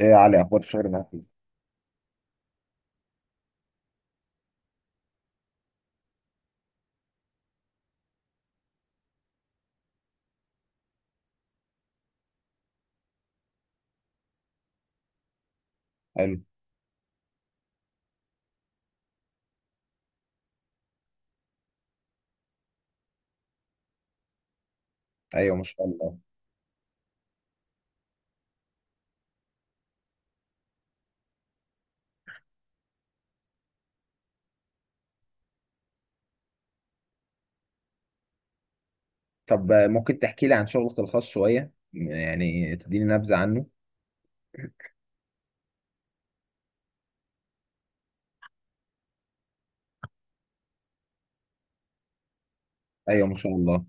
ايه يا علي، اخبار الشغل معاك إيه؟ حلو. ايوه ما شاء الله. طب ممكن تحكي لي عن شغلك الخاص شويه، يعني تديني نبذه عنه. ايوه ما شاء الله.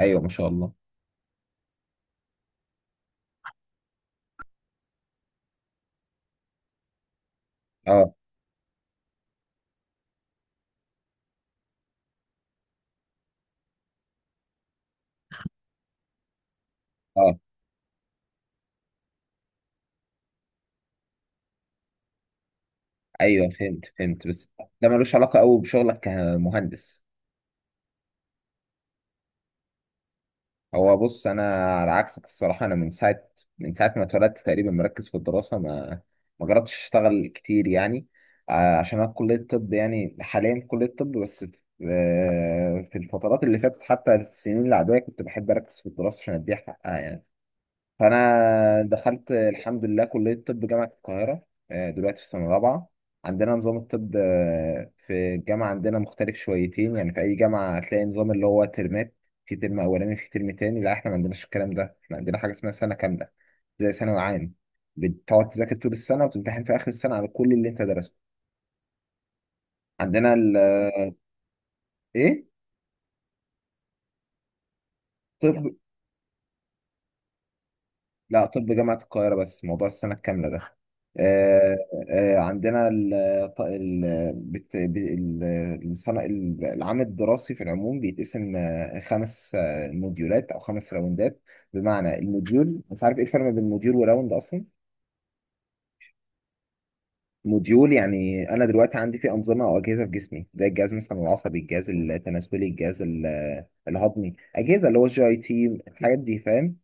ايوه ما شاء الله. اه. اه. ايوه، فهمت بس ده ملوش علاقه قوي بشغلك كمهندس. هو بص، انا على عكسك الصراحه، انا من ساعه ما اتولدت تقريبا مركز في الدراسه، ما جربتش اشتغل كتير يعني. عشان انا في كليه الطب، يعني حاليا في كليه الطب، بس في في الفترات اللي فاتت، حتى في السنين العاديه، كنت بحب اركز في الدراسه عشان اديها حقها يعني. فانا دخلت الحمد لله كليه طب جامعه القاهره. دلوقتي في سنه رابعه. عندنا نظام الطب في الجامعه عندنا مختلف شويتين. يعني في اي جامعه هتلاقي نظام اللي هو ترمات، في ترم اولاني في ترم تاني. لا احنا ما عندناش الكلام ده، احنا عندنا حاجه اسمها سنه كامله، زي ثانوي عام، بتقعد تذاكر طول السنه وتمتحن في اخر السنه على كل اللي انت درسته. عندنا ال آه، ايه. طب، لا طب جامعة القاهرة بس موضوع السنة الكاملة ده. آه. آه عندنا ال ط- ال بت- ب- ال- العام الدراسي في العموم بيتقسم خمس موديولات أو خمس راوندات. بمعنى الموديول، مش عارف إيه الفرق بين موديول وراوند أصلا. موديول يعني أنا دلوقتي عندي فيه أنظمة أو أجهزة في جسمي، زي الجهاز مثلا العصبي، الجهاز التناسلي، الجهاز الهضمي، أجهزة اللي هو الجي أي تي، الحاجات دي، فاهم؟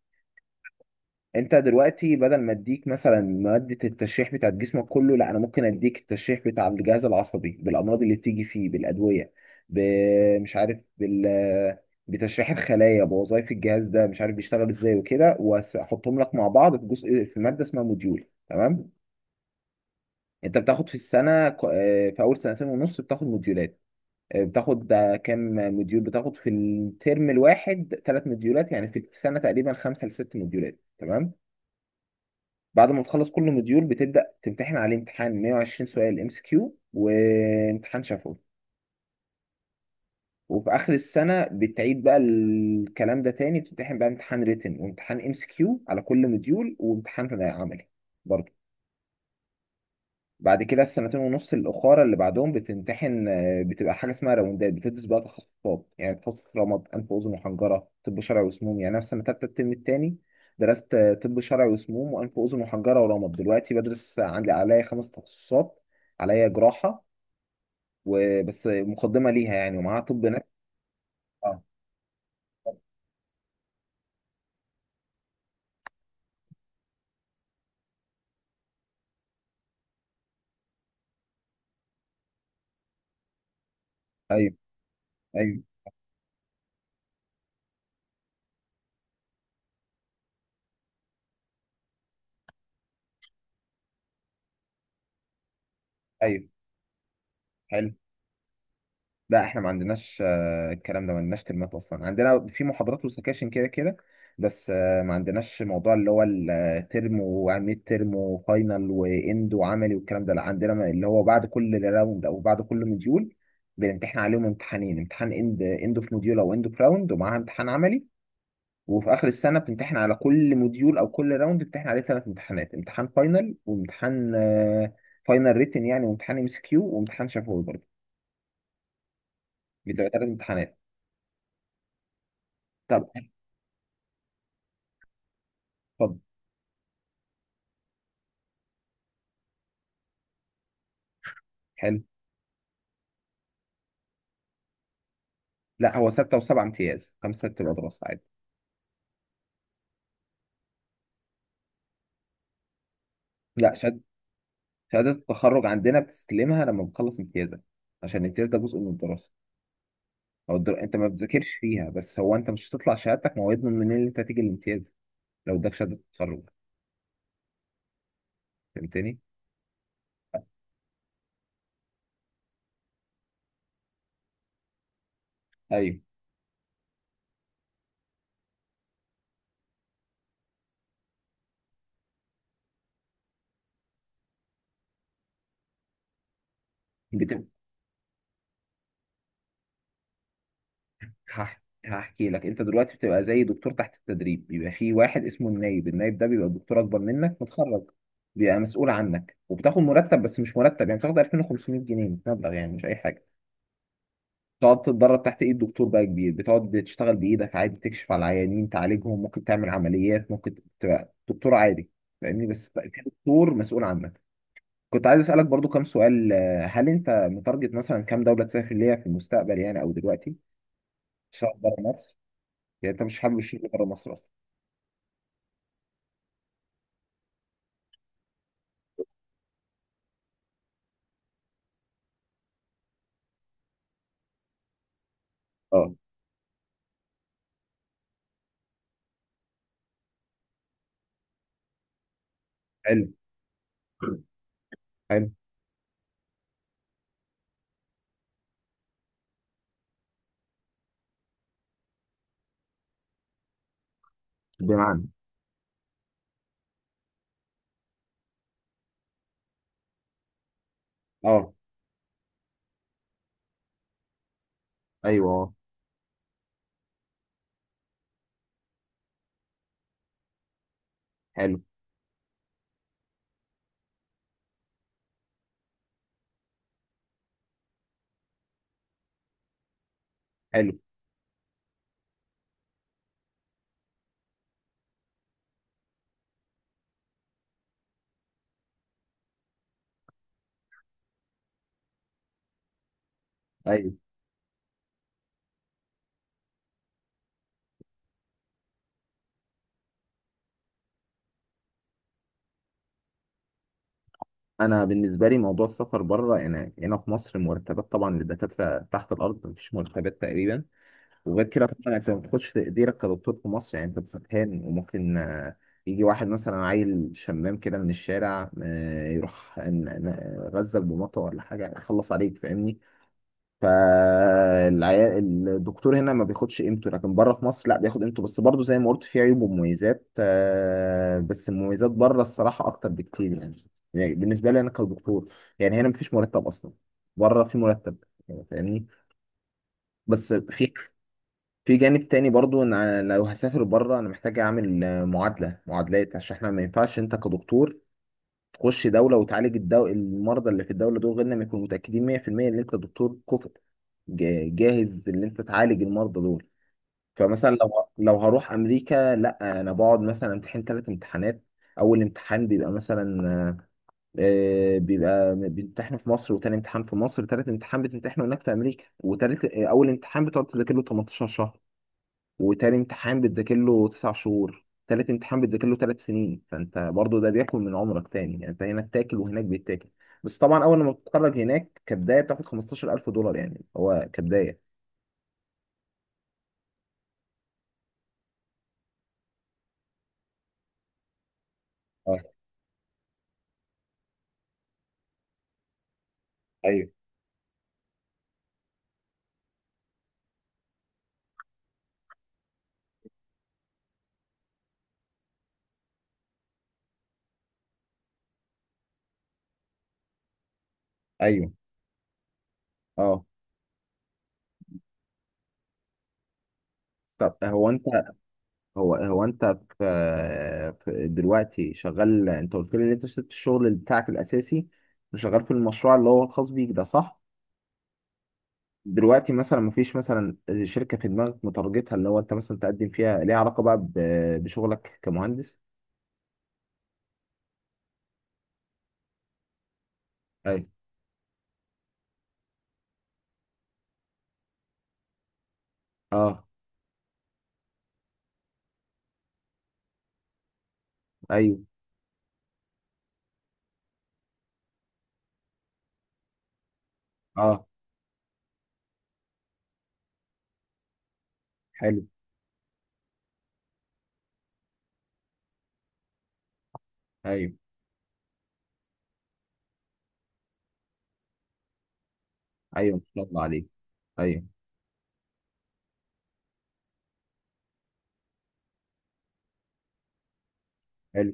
انت دلوقتي بدل ما اديك مثلا مادة التشريح بتاعت جسمك كله، لا، انا ممكن اديك التشريح بتاع الجهاز العصبي بالامراض اللي بتيجي فيه، بالادوية، ب- مش عارف بال بتشريح الخلايا، بوظائف الجهاز ده، مش عارف بيشتغل ازاي وكده، واحطهم لك مع بعض في جزء، في مادة اسمها موديول، تمام. انت بتاخد في السنة في اول سنتين ونص بتاخد موديولات. اه، بتاخد كام موديول بتاخد في الترم الواحد؟ ثلاث موديولات، يعني في السنة تقريبا خمسة لست موديولات، تمام. بعد ما تخلص كل موديول بتبدأ تمتحن عليه امتحان 120 سؤال ام سي كيو وامتحان شفوي. وفي آخر السنة بتعيد بقى الكلام ده تاني، بتمتحن بقى امتحان ريتن وامتحان ام سي كيو على كل موديول وامتحان عملي برضه. بعد كده السنتين ونص الاخاره اللي بعدهم بتمتحن بتبقى حاجه اسمها راوندات، بتدرس بقى تخصصات، يعني تخصص رمد، انف واذن وحنجره، طب شرعي وسموم. يعني انا في سنه تالته الترم التاني درست طب شرعي وسموم، وانف واذن وحنجره، ورمد. دلوقتي بدرس، عندي عليا خمس تخصصات، عليا جراحه وبس، مقدمه ليها يعني، ومعاها طب نفسي. اه. ايوه. ايوه. ايوه. حلو. لا احنا ما عندناش الكلام ده، ما عندناش ترمات اصلا، عندنا في محاضرات وسكاشن كده كده. بس ما عندناش موضوع اللي هو الترم وميد ترم وفاينل واند وعملي والكلام ده، لا، عندنا اللي هو بعد كل راوند او بعد كل مديول بنمتحن عليهم امتحانين، امتحان اند اوف موديول او اند اوف راوند ومعاها امتحان عملي. وفي اخر السنه بتمتحن على كل موديول او كل راوند، بتمتحن عليه ثلاث امتحانات: امتحان فاينل، وامتحان فاينل ريتن يعني، وامتحان ام اس كيو وامتحان شفوي برضه. بيبقى ثلاث امتحانات. طب. اتفضل. حلو. لا، هو ستة وسبعة امتياز، خمسة بتبقى دراسة عادي. لا، شهادة، شهادة التخرج عندنا بتستلمها لما بتخلص امتيازك، عشان الامتياز ده جزء من الدراسة. أنت ما بتذاكرش فيها، بس هو أنت مش هتطلع شهادتك، ما هو يضمن منين إن أنت تيجي الامتياز لو اداك شهادة التخرج. فهمتني؟ أيوه. بتبقى هحكي لك. أنت دلوقتي بتبقى زي دكتور تحت التدريب، بيبقى في واحد اسمه النايب، النايب ده بيبقى دكتور أكبر منك متخرج، بيبقى مسؤول عنك، وبتاخد مرتب، بس مش مرتب، يعني بتاخد 2500 جنيه، مبلغ يعني مش أي حاجة. تقعد تتدرب تحت ايد دكتور بقى كبير، بتقعد تشتغل بايدك عادي، تكشف على العيانين تعالجهم، ممكن تعمل عمليات، ممكن تبقى دكتور عادي، فاهمني، بس بقى في دكتور مسؤول عنك. كنت عايز اسالك برضو كام سؤال. هل انت متارجت مثلا كام دوله تسافر ليها في المستقبل يعني، او دلوقتي تشتغل بره مصر؟ يعني انت مش حابب الشغل بره مصر اصلا؟ اه. حلو. حلو. بمعنى؟ اه. ايوه. اه. حلو. حلو. ايوه، انا بالنسبه لي موضوع السفر بره، يعني هنا في مصر، مرتبات طبعا للدكاتره تحت الارض، مفيش مرتبات تقريبا. وغير كده طبعا، انت ما بتخش تقديرك كدكتور في مصر، يعني انت بتتهان، وممكن يجي واحد مثلا عيل شمام كده من الشارع يروح غزك بمطوه ولا حاجه، يخلص عليك، فاهمني؟ فالعيال الدكتور هنا ما بياخدش قيمته، لكن بره في مصر لا، بياخد قيمته. بس برضه زي ما قلت، في عيوب ومميزات بس المميزات بره الصراحه اكتر بكتير يعني. يعني بالنسبه لي انا كدكتور، يعني هنا مفيش مرتب اصلا، بره في مرتب، يعني فاهمني؟ بس في في جانب تاني برضو، ان أنا لو هسافر بره، انا محتاج اعمل معادلات، عشان احنا ما ينفعش انت كدكتور تخش دوله وتعالج المرضى اللي في الدوله دول، غير لما يكونوا متاكدين 100% ان انت دكتور كفء، جاهز ان انت تعالج المرضى دول. فمثلا لو هروح امريكا، لا، انا بقعد مثلا امتحن ثلاث امتحانات. اول امتحان بيبقى مثلا بيبقى بيمتحنوا في مصر، وتاني امتحان في مصر، تالت امتحان بتمتحنه هناك في امريكا. وتالت آه، اول امتحان بتقعد تذاكر له 18 شهر، وتاني امتحان بتذاكر له تسع شهور، تالت امتحان بتذاكر له ثلاث سنين. فانت برضو ده بياكل من عمرك تاني، يعني انت هنا بتاكل وهناك بيتاكل. بس طبعا اول ما بتتخرج هناك كبدايه بتاخد 15000 دولار، يعني هو كبدايه. اه. ايوه. ايوه. اه. طب هو انت في، في دلوقتي شغال، انت قلت لي ان انت سبت الشغل بتاعك الاساسي وشغال في المشروع اللي هو الخاص بيك ده، صح؟ دلوقتي مثلا مفيش مثلا شركة في دماغك متارجتها، اللي هو انت مثلا تقدم فيها، ليها علاقة بقى بشغلك كمهندس؟ ايوه. اه. ايوه. اه. حلو. ايوه. ايوه ما شاء الله عليك. ايوه. حلو.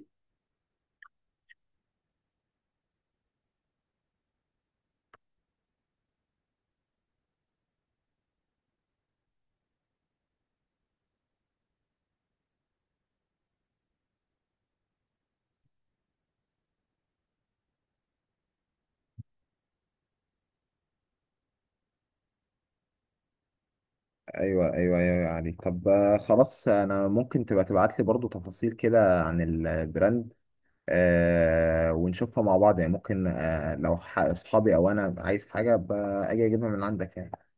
ايوه. ايوه. ايوه. أيوه عليك. طب خلاص، انا ممكن تبقى تبعت لي برضو تفاصيل كده عن البراند ونشوفها مع بعض يعني. ممكن لو اصحابي او انا عايز حاجة أبقى اجيبها من عندك يعني.